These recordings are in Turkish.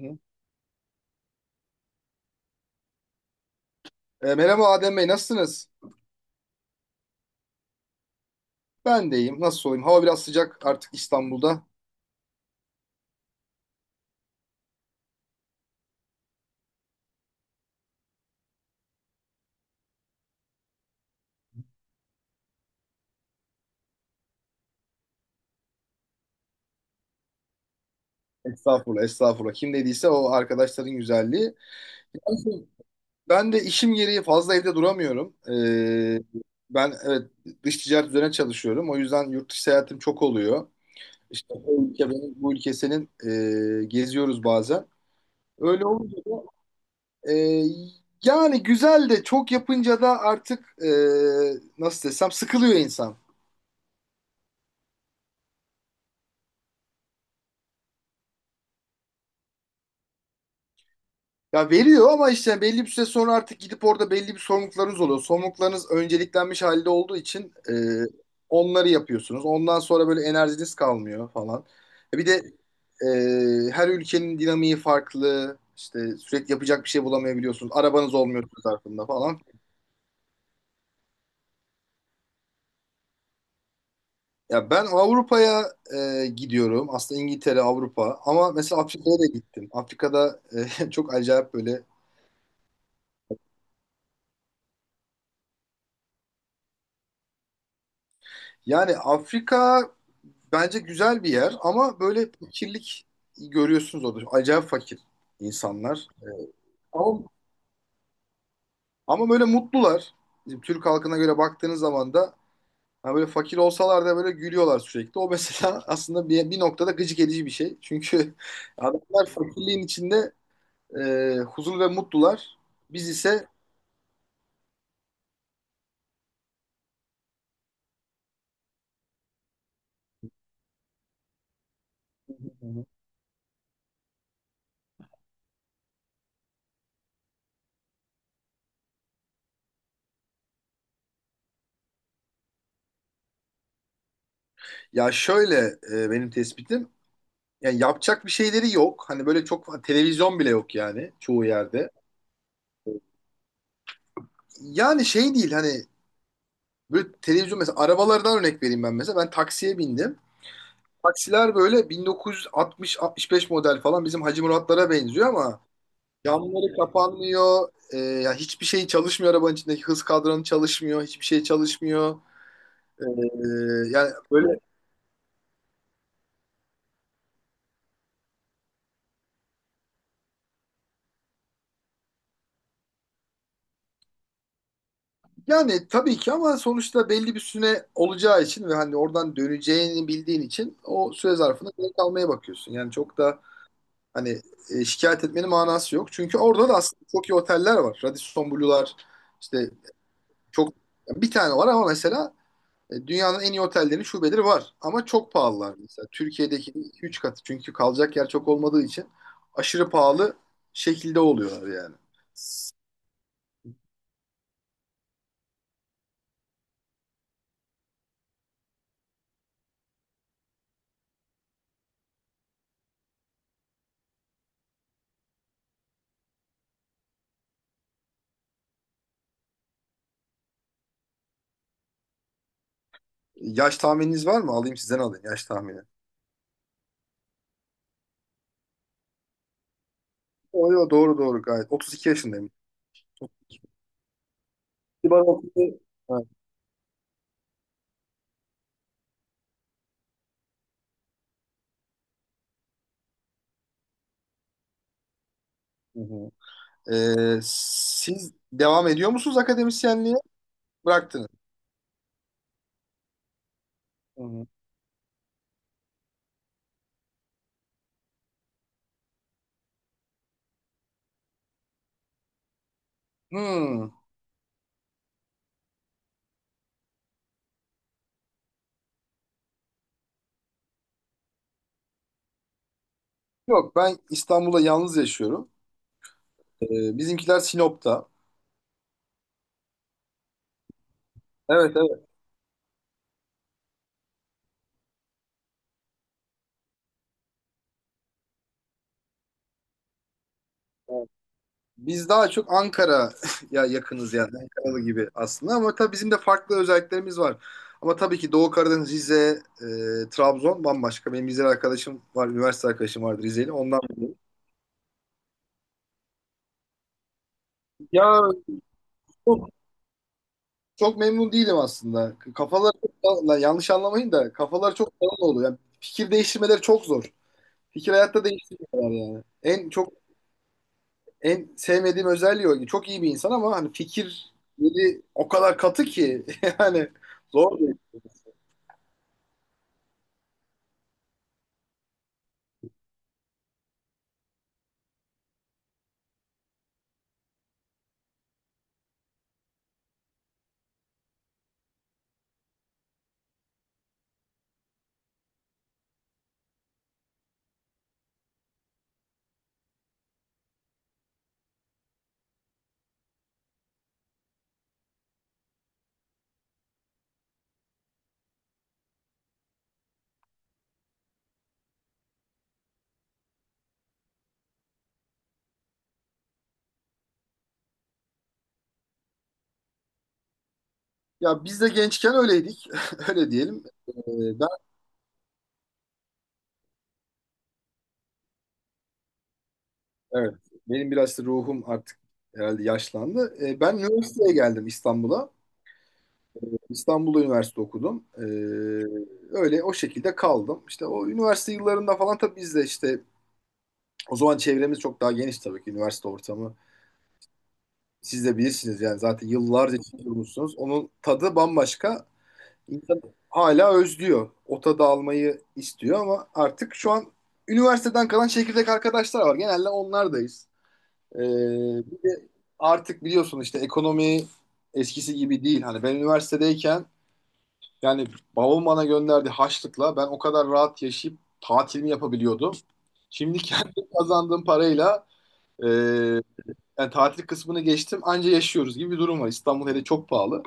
Hı. Merhaba Adem Bey, nasılsınız? Ben de iyiyim. Nasıl olayım? Hava biraz sıcak artık İstanbul'da. Estağfurullah, estağfurullah. Kim dediyse o arkadaşların güzelliği. Yani ben de işim gereği fazla evde duramıyorum. Ben dış ticaret üzerine çalışıyorum. O yüzden yurt dışı seyahatim çok oluyor. İşte o ülke benim, bu ülke senin, geziyoruz bazen. Öyle olunca da, e, yani güzel de çok yapınca da artık, nasıl desem, sıkılıyor insan. Ya veriyor ama işte belli bir süre sonra artık gidip orada belli bir sorumluluklarınız oluyor. Sorumluluklarınız önceliklenmiş halde olduğu için onları yapıyorsunuz. Ondan sonra böyle enerjiniz kalmıyor falan. Bir de her ülkenin dinamiği farklı. İşte sürekli yapacak bir şey bulamayabiliyorsunuz. Arabanız olmuyor zarfında falan. Ya ben Avrupa'ya gidiyorum. Aslında İngiltere, Avrupa. Ama mesela Afrika'ya da gittim. Afrika'da çok acayip böyle. Yani Afrika bence güzel bir yer ama böyle fakirlik görüyorsunuz orada. Acayip fakir insanlar. Ama, ama böyle mutlular. Bizim Türk halkına göre baktığınız zaman da yani böyle fakir olsalar da böyle gülüyorlar sürekli. O mesela aslında bir noktada gıcık edici bir şey. Çünkü adamlar fakirliğin içinde e, huzur ve mutlular. Biz ise ya şöyle, benim tespitim yani yapacak bir şeyleri yok. Hani böyle çok televizyon bile yok yani çoğu yerde. Yani şey değil hani böyle televizyon, mesela arabalardan örnek vereyim ben mesela. Ben taksiye bindim. Taksiler böyle 1960-65 model falan bizim Hacı Muratlara benziyor ama camları kapanmıyor. Ya hiçbir şey çalışmıyor, arabanın içindeki hız kadranı çalışmıyor. Hiçbir şey çalışmıyor. Ee, yani böyle, yani tabii ki, ama sonuçta belli bir süre olacağı için ve hani oradan döneceğini bildiğin için o süre zarfında kalmaya bakıyorsun. Yani çok da, hani, şikayet etmenin manası yok. Çünkü orada da aslında çok iyi oteller var. Radisson Blu'lar işte, çok bir tane var ama mesela, dünyanın en iyi otellerinin şubeleri var. Ama çok pahalılar mesela. Türkiye'deki 2-3 katı. Çünkü kalacak yer çok olmadığı için aşırı pahalı şekilde oluyorlar yani. Yaş tahmininiz var mı? Alayım sizden, alayım yaş tahmini. O yo, doğru doğru gayet. 32 yaşındayım. Kibar okudu. Evet. Hı hı. Siz devam ediyor musunuz akademisyenliğe? Bıraktınız. Hı hı. Hmm. Yok, ben İstanbul'da yalnız yaşıyorum. Bizimkiler Sinop'ta. Evet evet. Evet. Biz daha çok Ankara ya yakınız yani, Ankaralı gibi aslında, ama tabii bizim de farklı özelliklerimiz var. Ama tabii ki Doğu Karadeniz, Rize, Trabzon bambaşka. Benim Rize'li arkadaşım var, üniversite arkadaşım vardı Rize'li. Ondan ya çok, çok memnun değilim aslında. Lan yanlış anlamayın da, kafalar çok dağınık oluyor. Yani fikir değiştirmeleri çok zor. Fikir hayatta değiştirmiyorlar yani. En sevmediğim özelliği o. Çok iyi bir insan ama hani fikirleri o kadar katı ki yani zor değil. Ya biz de gençken öyleydik. Öyle diyelim. Ee, evet benim biraz da ruhum artık herhalde yaşlandı. Ben üniversiteye geldim İstanbul'a. İstanbul'da üniversite okudum. Öyle o şekilde kaldım. İşte o üniversite yıllarında falan tabii biz de işte o zaman çevremiz çok daha geniş, tabii ki üniversite ortamı. Siz de bilirsiniz yani, zaten yıllarca durmuşsunuz. Onun tadı bambaşka. İnsan hala özlüyor. O tadı almayı istiyor ama artık şu an üniversiteden kalan çekirdek arkadaşlar var. Genelde onlardayız. Ee, bir de artık biliyorsun işte ekonomi eskisi gibi değil. Hani ben üniversitedeyken yani babam bana gönderdi harçlıkla ben o kadar rahat yaşayıp tatilimi yapabiliyordum. Şimdi kendi kazandığım parayla, e, yani tatil kısmını geçtim, anca yaşıyoruz gibi bir durum var. İstanbul hele çok pahalı.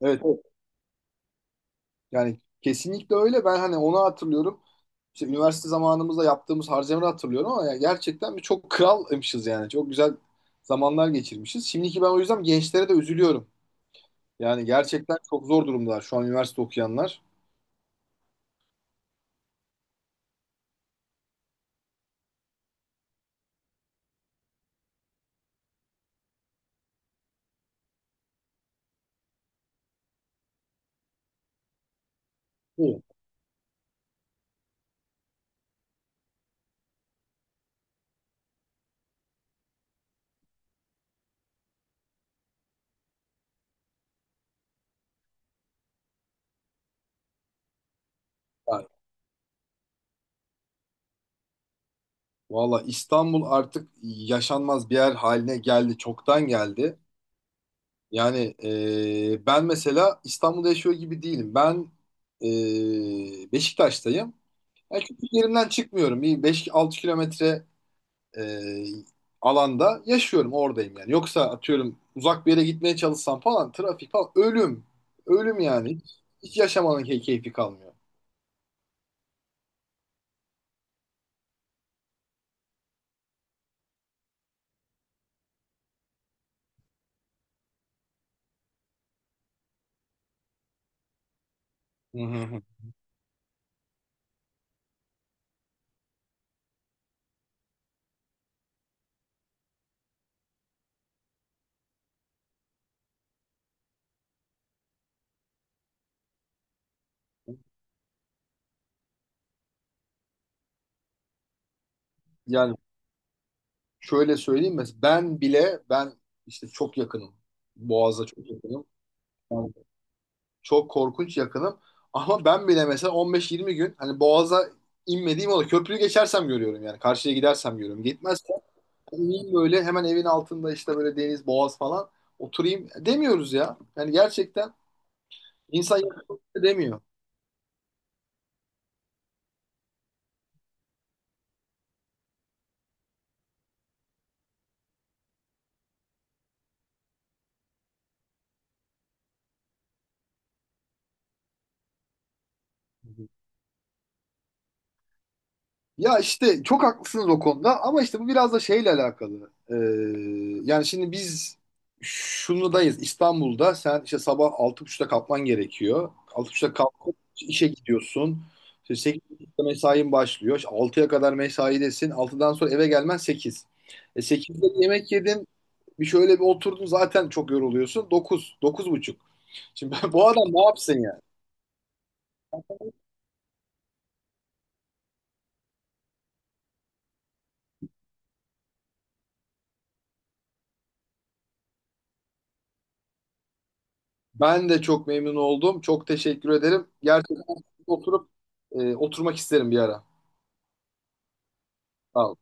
Evet, evet. Yani kesinlikle öyle. Ben hani onu hatırlıyorum. İşte üniversite zamanımızda yaptığımız harcamaları hatırlıyorum ama yani gerçekten bir çok kralmışız yani. Çok güzel zamanlar geçirmişiz. Şimdiki, ben o yüzden gençlere de üzülüyorum. Yani gerçekten çok zor durumdalar şu an üniversite okuyanlar. Evet. Yani, valla İstanbul artık yaşanmaz bir yer haline geldi. Çoktan geldi. Yani, ben mesela İstanbul'da yaşıyor gibi değilim. Ben, Beşiktaş'tayım. Yani çünkü yerimden çıkmıyorum. Bir 5-6 kilometre e, alanda yaşıyorum, oradayım yani. Yoksa atıyorum uzak bir yere gitmeye çalışsam falan, trafik falan ölüm. Ölüm yani. Hiç yaşamanın keyfi kalmıyor. Hı hı hı. Yani şöyle söyleyeyim, mesela ben bile, ben işte çok yakınım. Boğaz'a çok yakınım. Yani çok korkunç yakınım. Ama ben bile mesela 15-20 gün hani Boğaz'a inmediğim oluyor. Köprüyü geçersem görüyorum yani. Karşıya gidersem görüyorum. Gitmez. Oturayım böyle hemen evin altında işte böyle deniz, boğaz falan, oturayım demiyoruz ya. Yani gerçekten insan yapmak demiyor. Hı hı. Ya işte çok haklısınız o konuda ama işte bu biraz da şeyle alakalı. Yani şimdi biz şunudayız, İstanbul'da sen işte sabah altı buçukta kalkman gerekiyor. Altı buçukta kalkıp işe gidiyorsun. İşte sekiz buçukta mesain başlıyor. İşte 6'ya kadar mesaidesin. Altıdan sonra eve gelmen 8. 8'de yemek yedin. Bir şöyle bir oturdun, zaten çok yoruluyorsun. Dokuz, dokuz buçuk. Şimdi bu adam ne yapsın? Ben de çok memnun oldum. Çok teşekkür ederim. Gerçekten oturup, oturmak isterim bir ara. Sağ ol.